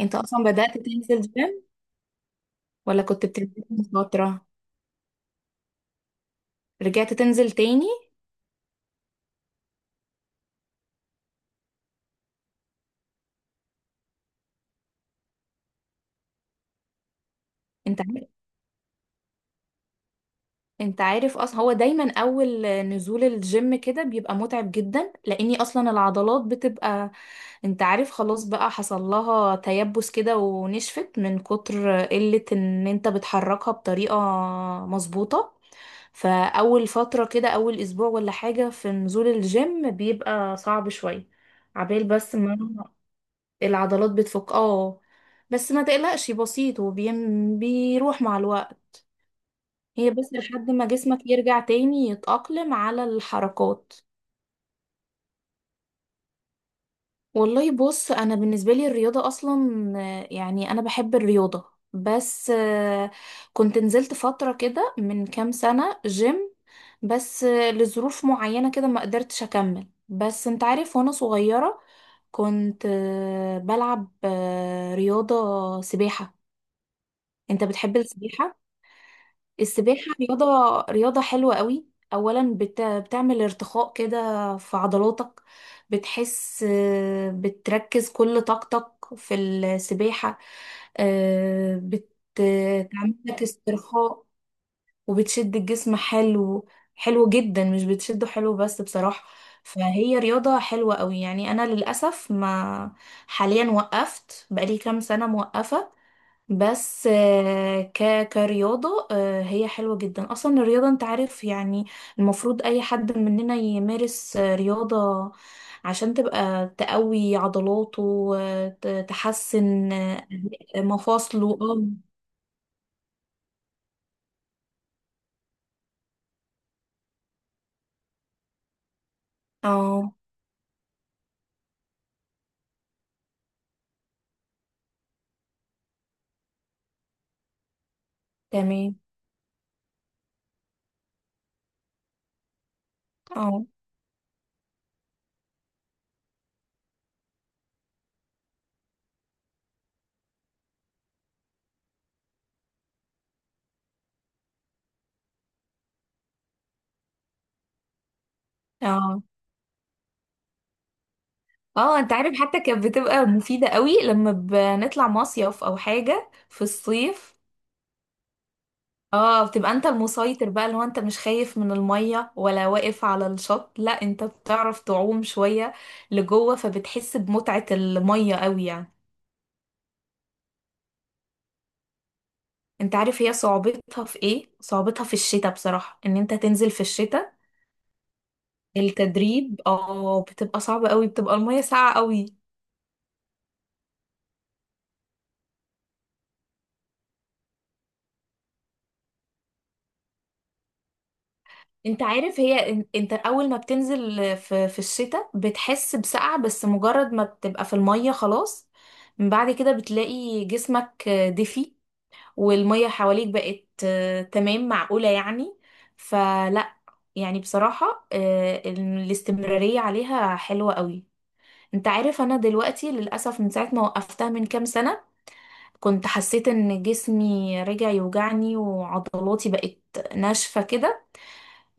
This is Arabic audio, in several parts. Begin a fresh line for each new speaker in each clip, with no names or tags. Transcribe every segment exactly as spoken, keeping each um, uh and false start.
انت اصلا بدأت تنزل جيم، ولا كنت بتنزل من فترة؟ رجعت تنزل تاني. انت عارف انت عارف اصلا هو دايما اول نزول الجيم كده بيبقى متعب جدا، لاني اصلا العضلات بتبقى، انت عارف، خلاص بقى حصل لها تيبس كده ونشفت من كتر قلة ان انت بتحركها بطريقة مظبوطة. فاول فترة كده، اول اسبوع ولا حاجة في نزول الجيم، بيبقى صعب شوية عبال بس ما العضلات بتفك، اه. بس ما تقلقش، بسيط وبيم... بيروح مع الوقت. هي بس لحد ما جسمك يرجع تاني يتأقلم على الحركات. والله بص، انا بالنسبة لي الرياضة اصلا آه، يعني انا بحب الرياضة، بس آه، كنت نزلت فترة كده من كام سنة جيم، بس آه، لظروف معينة كده ما قدرتش اكمل. بس انت عارف، وانا صغيرة كنت آه، بلعب آه، رياضة سباحة. انت بتحب السباحة؟ السباحة رياضة، رياضة حلوة قوي. اولا بت... بتعمل ارتخاء كده في عضلاتك، بتحس آه، بتركز كل طاقتك في السباحة. آه، بت- بتعمل لك استرخاء وبتشد الجسم حلو، حلو جدا. مش بتشده حلو بس، بصراحة. فهي رياضة حلوة قوي يعني. انا للأسف ما، حاليا وقفت بقالي كام سنة، موقفة. بس آه، ك كرياضة آه، هي حلوة جدا. أصلا الرياضة، أنت عارف يعني، المفروض أي حد مننا يمارس آه، رياضة عشان تبقى تقوي عضلاته وتحسن مفاصله، اه. اه، تمام، اه، اه، اه. انت عارف، حتى كانت بتبقى مفيدة قوي لما بنطلع مصيف او حاجة في الصيف. اه، بتبقى انت المسيطر بقى، اللي هو انت مش خايف من المية ولا واقف على الشط، لا انت بتعرف تعوم شوية لجوه، فبتحس بمتعة المية قوي يعني. انت عارف هي صعوبتها في ايه؟ صعوبتها في الشتاء بصراحة، ان انت تنزل في الشتاء التدريب، اه. بتبقى صعبة قوي، بتبقى المية ساقعة قوي. انت عارف، هي ان- انت اول ما بتنزل في في الشتاء بتحس بسقعة، بس مجرد ما بتبقى في المية خلاص، من بعد كده بتلاقي جسمك دفي، والمية حواليك بقت آه، تمام، معقولة يعني. فلا، يعني بصراحة آه، الاستمرارية عليها حلوة قوي. انت عارف، انا دلوقتي للأسف من ساعة ما وقفتها من كام سنة، كنت حسيت ان جسمي رجع يوجعني وعضلاتي بقت ناشفة كده.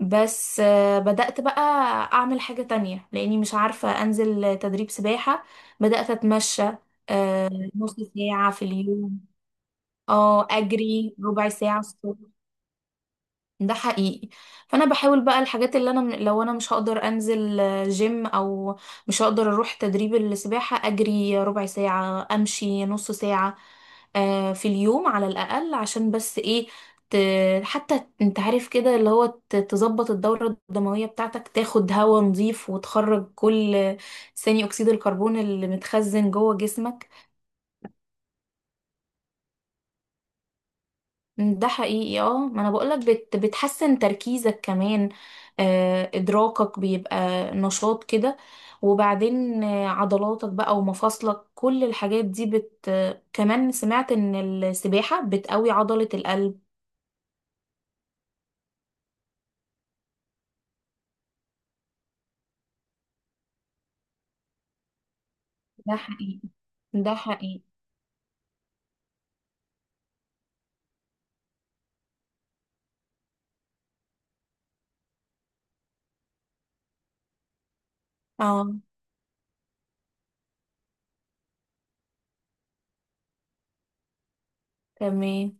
بس آه، بدأت بقى اعمل حاجة تانية لاني مش عارفة انزل تدريب سباحة. بدأت اتمشى آه، نص ساعة في اليوم، اه، اجري ربع ساعة الصبح. ده حقيقي. فانا بحاول بقى، الحاجات اللي انا، لو انا مش هقدر انزل آه، جيم او مش هقدر اروح تدريب السباحة، اجري ربع ساعة، امشي نص ساعة آه، في اليوم على الاقل، عشان بس ايه، ت- حتى انت عارف كده، اللي هو ت- تظبط الدورة الدموية بتاعتك، تاخد هواء نظيف، وتخرج كل ثاني اكسيد الكربون اللي متخزن جوه جسمك. ده حقيقي، اه. ما انا بقولك، بت بتحسن تركيزك كمان، آه، ادراكك بيبقى نشاط كده، وبعدين آه، عضلاتك بقى ومفاصلك، كل الحاجات دي بت آه، كمان سمعت ان السباحة بتقوي عضلة القلب. ده حقيقي. ده حقيقي، اه، تمام.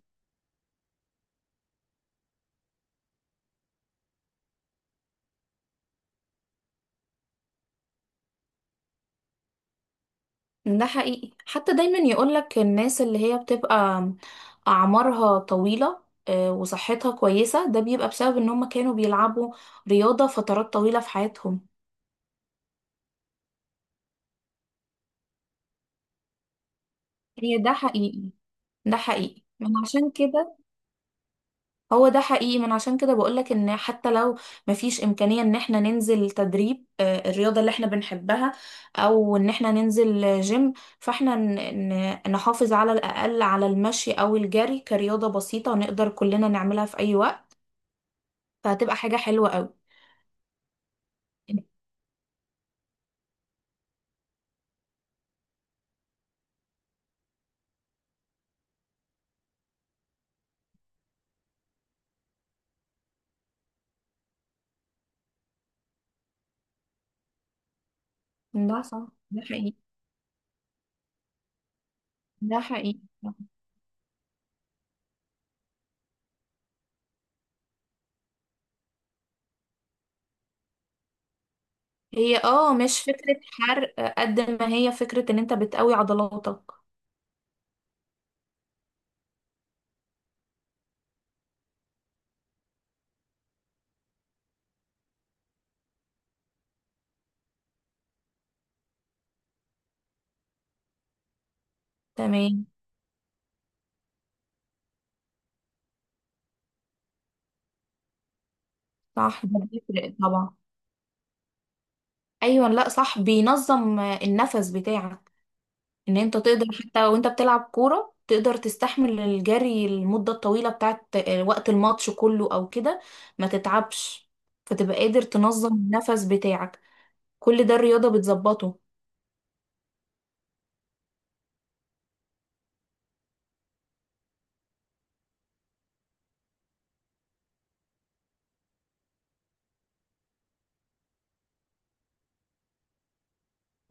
ده حقيقي، حتى دايما يقولك الناس اللي هي بتبقى أعمارها طويلة آه، وصحتها كويسة، ده بيبقى بسبب إن هم كانوا بيلعبوا رياضة فترات طويلة في حياتهم. هي ده حقيقي. ده حقيقي، من عشان كده. هو ده حقيقي، من عشان كده بقولك ان حتى لو مفيش امكانية ان احنا ننزل تدريب آه، الرياضة اللي احنا بنحبها، او ان احنا ننزل جيم، فاحنا ن- ن- نحافظ على الاقل على المشي او الجري كرياضة بسيطة، نقدر كلنا نعملها في اي وقت، فهتبقى حاجة حلوة قوي. ده صح، ده حقيقي. ده حقيقي. هي اه، مش فكرة حرق قد ما هي فكرة ان انت بتقوي عضلاتك. تمام. صح، ده بيفرق طبعا. ايوه، لا صح، بينظم النفس بتاعك، ان انت تقدر حتى وانت بتلعب كوره تقدر تستحمل الجري المده الطويله بتاعت وقت الماتش كله او كده، ما تتعبش، فتبقى قادر تنظم النفس بتاعك. كل ده الرياضه بتظبطه،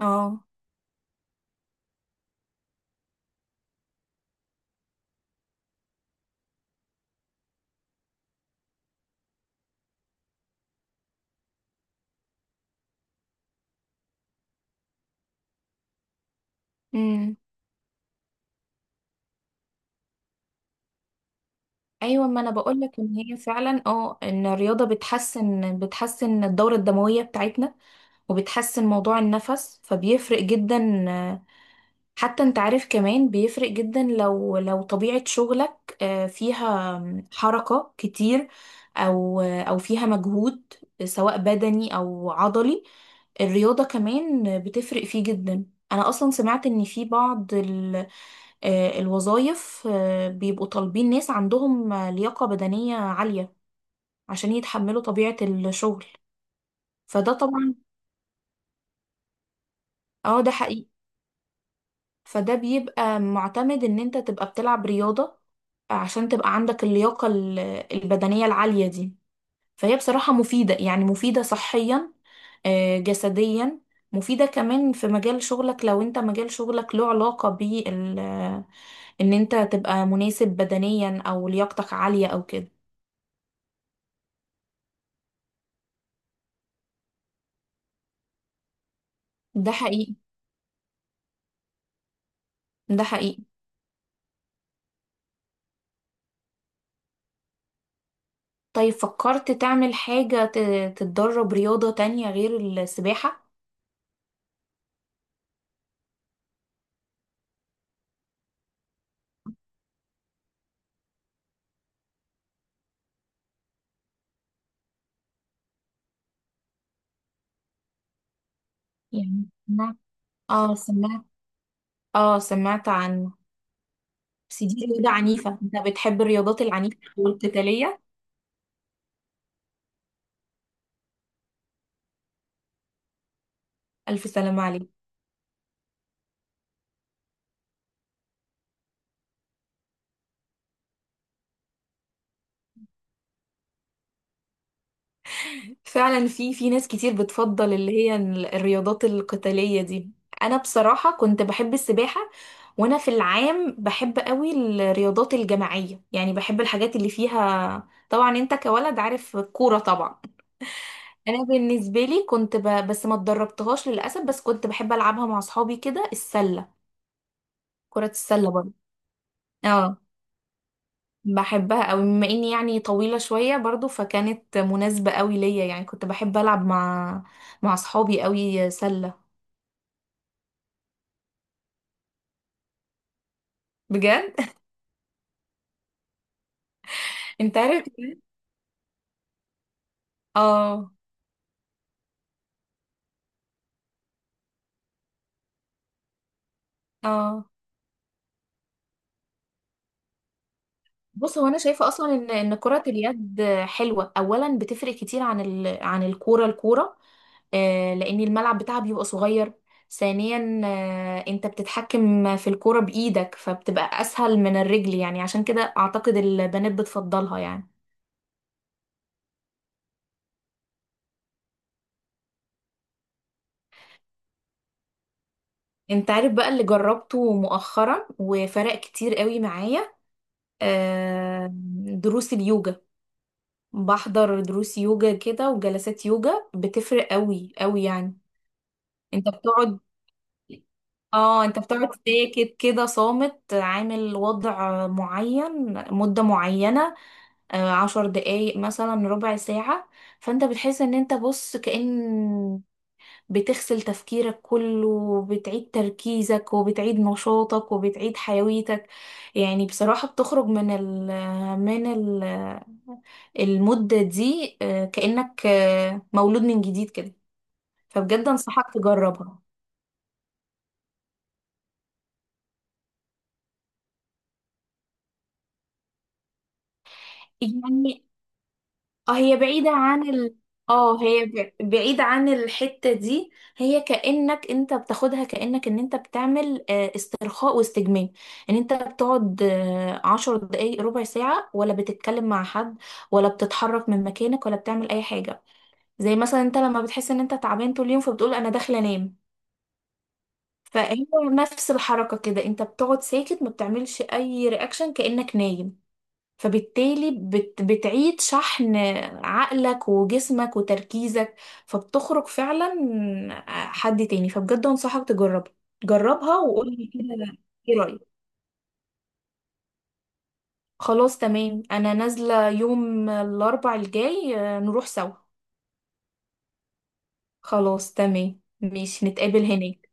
اه. امم. ايوه، ما انا بقولك ان هي فعلا، اه، ان الرياضه بتحسن بتحسن الدوره الدمويه بتاعتنا، وبتحسن موضوع النفس، فبيفرق جدا. حتى انت عارف، كمان بيفرق جدا لو لو طبيعة شغلك آه، فيها حركة كتير، او او فيها مجهود، سواء بدني او عضلي، الرياضة كمان بتفرق فيه جدا. انا اصلا سمعت ان في بعض ال- آه، الوظائف آه، بيبقوا طالبين ناس عندهم لياقة بدنية عالية عشان يتحملوا طبيعة الشغل. فده طبعا، اه، ده حقيقي. فده بيبقى معتمد ان انت تبقى بتلعب رياضة عشان تبقى عندك اللياقة ال- البدنية العالية دي. فهي بصراحة مفيدة، يعني مفيدة صحيا آه، جسديا، مفيدة كمان في مجال شغلك لو انت مجال شغلك له علاقة بال، ان انت تبقى مناسب بدنيا، او لياقتك عالية او كده. ده حقيقي. ده حقيقي. طيب، فكرت تعمل حاجة ت- تتدرب رياضة تانية غير السباحة؟ يعني سمعت، اه سمعت، اه سمعت عنه. بس دي رياضة عنيفة، انت بتحب الرياضات العنيفة والقتالية؟ ألف سلامة عليك. فعلا في في ناس كتير بتفضل اللي هي ال- الرياضات القتالية دي. أنا بصراحة كنت بحب السباحة، وأنا في العام بحب قوي الرياضات الجماعية يعني. بحب الحاجات اللي فيها، طبعا انت كولد عارف الكورة طبعا. أنا بالنسبة لي كنت ب... بس ما اتدربتهاش للأسف، بس كنت بحب ألعبها مع أصحابي كده، السلة، كرة السلة برضه. اه، بحبها قوي بما اني يعني طويلة شوية برضو، فكانت مناسبة قوي ليا يعني، كنت بحب العب مع مع اصحابي قوي سلة. بجد؟ انت عارف كمان؟ اه. اه، بص، هو انا شايفة اصلا ان ان كرة اليد حلوة. اولا بتفرق كتير عن ال... عن الكورة، الكورة آه، لان الملعب بتاعها بيبقى صغير. ثانيا، آه، انت بتتحكم في الكورة بايدك فبتبقى اسهل من الرجل، يعني عشان كده اعتقد البنات بتفضلها يعني. انت عارف بقى اللي جربته مؤخرا وفرق كتير قوي معايا، آه، دروس اليوجا. بحضر دروس يوجا كده وجلسات يوجا، بتفرق قوي قوي يعني. انت بتقعد، اه انت بتقعد ساكت كده، صامت، عامل وضع معين مدة معينة، آه، عشر دقايق مثلا، ربع ساعة. فانت بتحس ان انت، بص، كأن بتغسل تفكيرك كله، وبتعيد تركيزك، وبتعيد نشاطك، وبتعيد حيويتك. يعني بصراحة بتخرج من ال من ال المدة دي آه، كأنك آه، مولود من جديد كده. فبجد أنصحك تجربها. يعني اه، هي بعيدة عن ال اه هي ب- بعيدة عن الحتة دي. هي كأنك انت بتاخدها كأنك ان انت بتعمل آه، استرخاء واستجمام، ان انت بتقعد آه، عشر دقايق، ربع ساعة، ولا بتتكلم مع حد ولا بتتحرك من مكانك ولا بتعمل اي حاجة. زي مثلا انت لما بتحس ان انت تعبان طول اليوم فبتقول انا داخلة انام. فهي نفس الحركة كده، انت بتقعد ساكت، ما بتعملش اي رياكشن، كأنك نايم. فبالتالي بت بتعيد شحن عقلك وجسمك وتركيزك، فبتخرج فعلا حد تاني. فبجد انصحك تجربها، جربها وقولي كده. ايه رأيك؟ خلاص، تمام، انا نازلة يوم الاربع الجاي آه، نروح سوا. خلاص تمام ماشي، نتقابل هناك.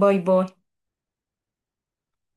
باي باي.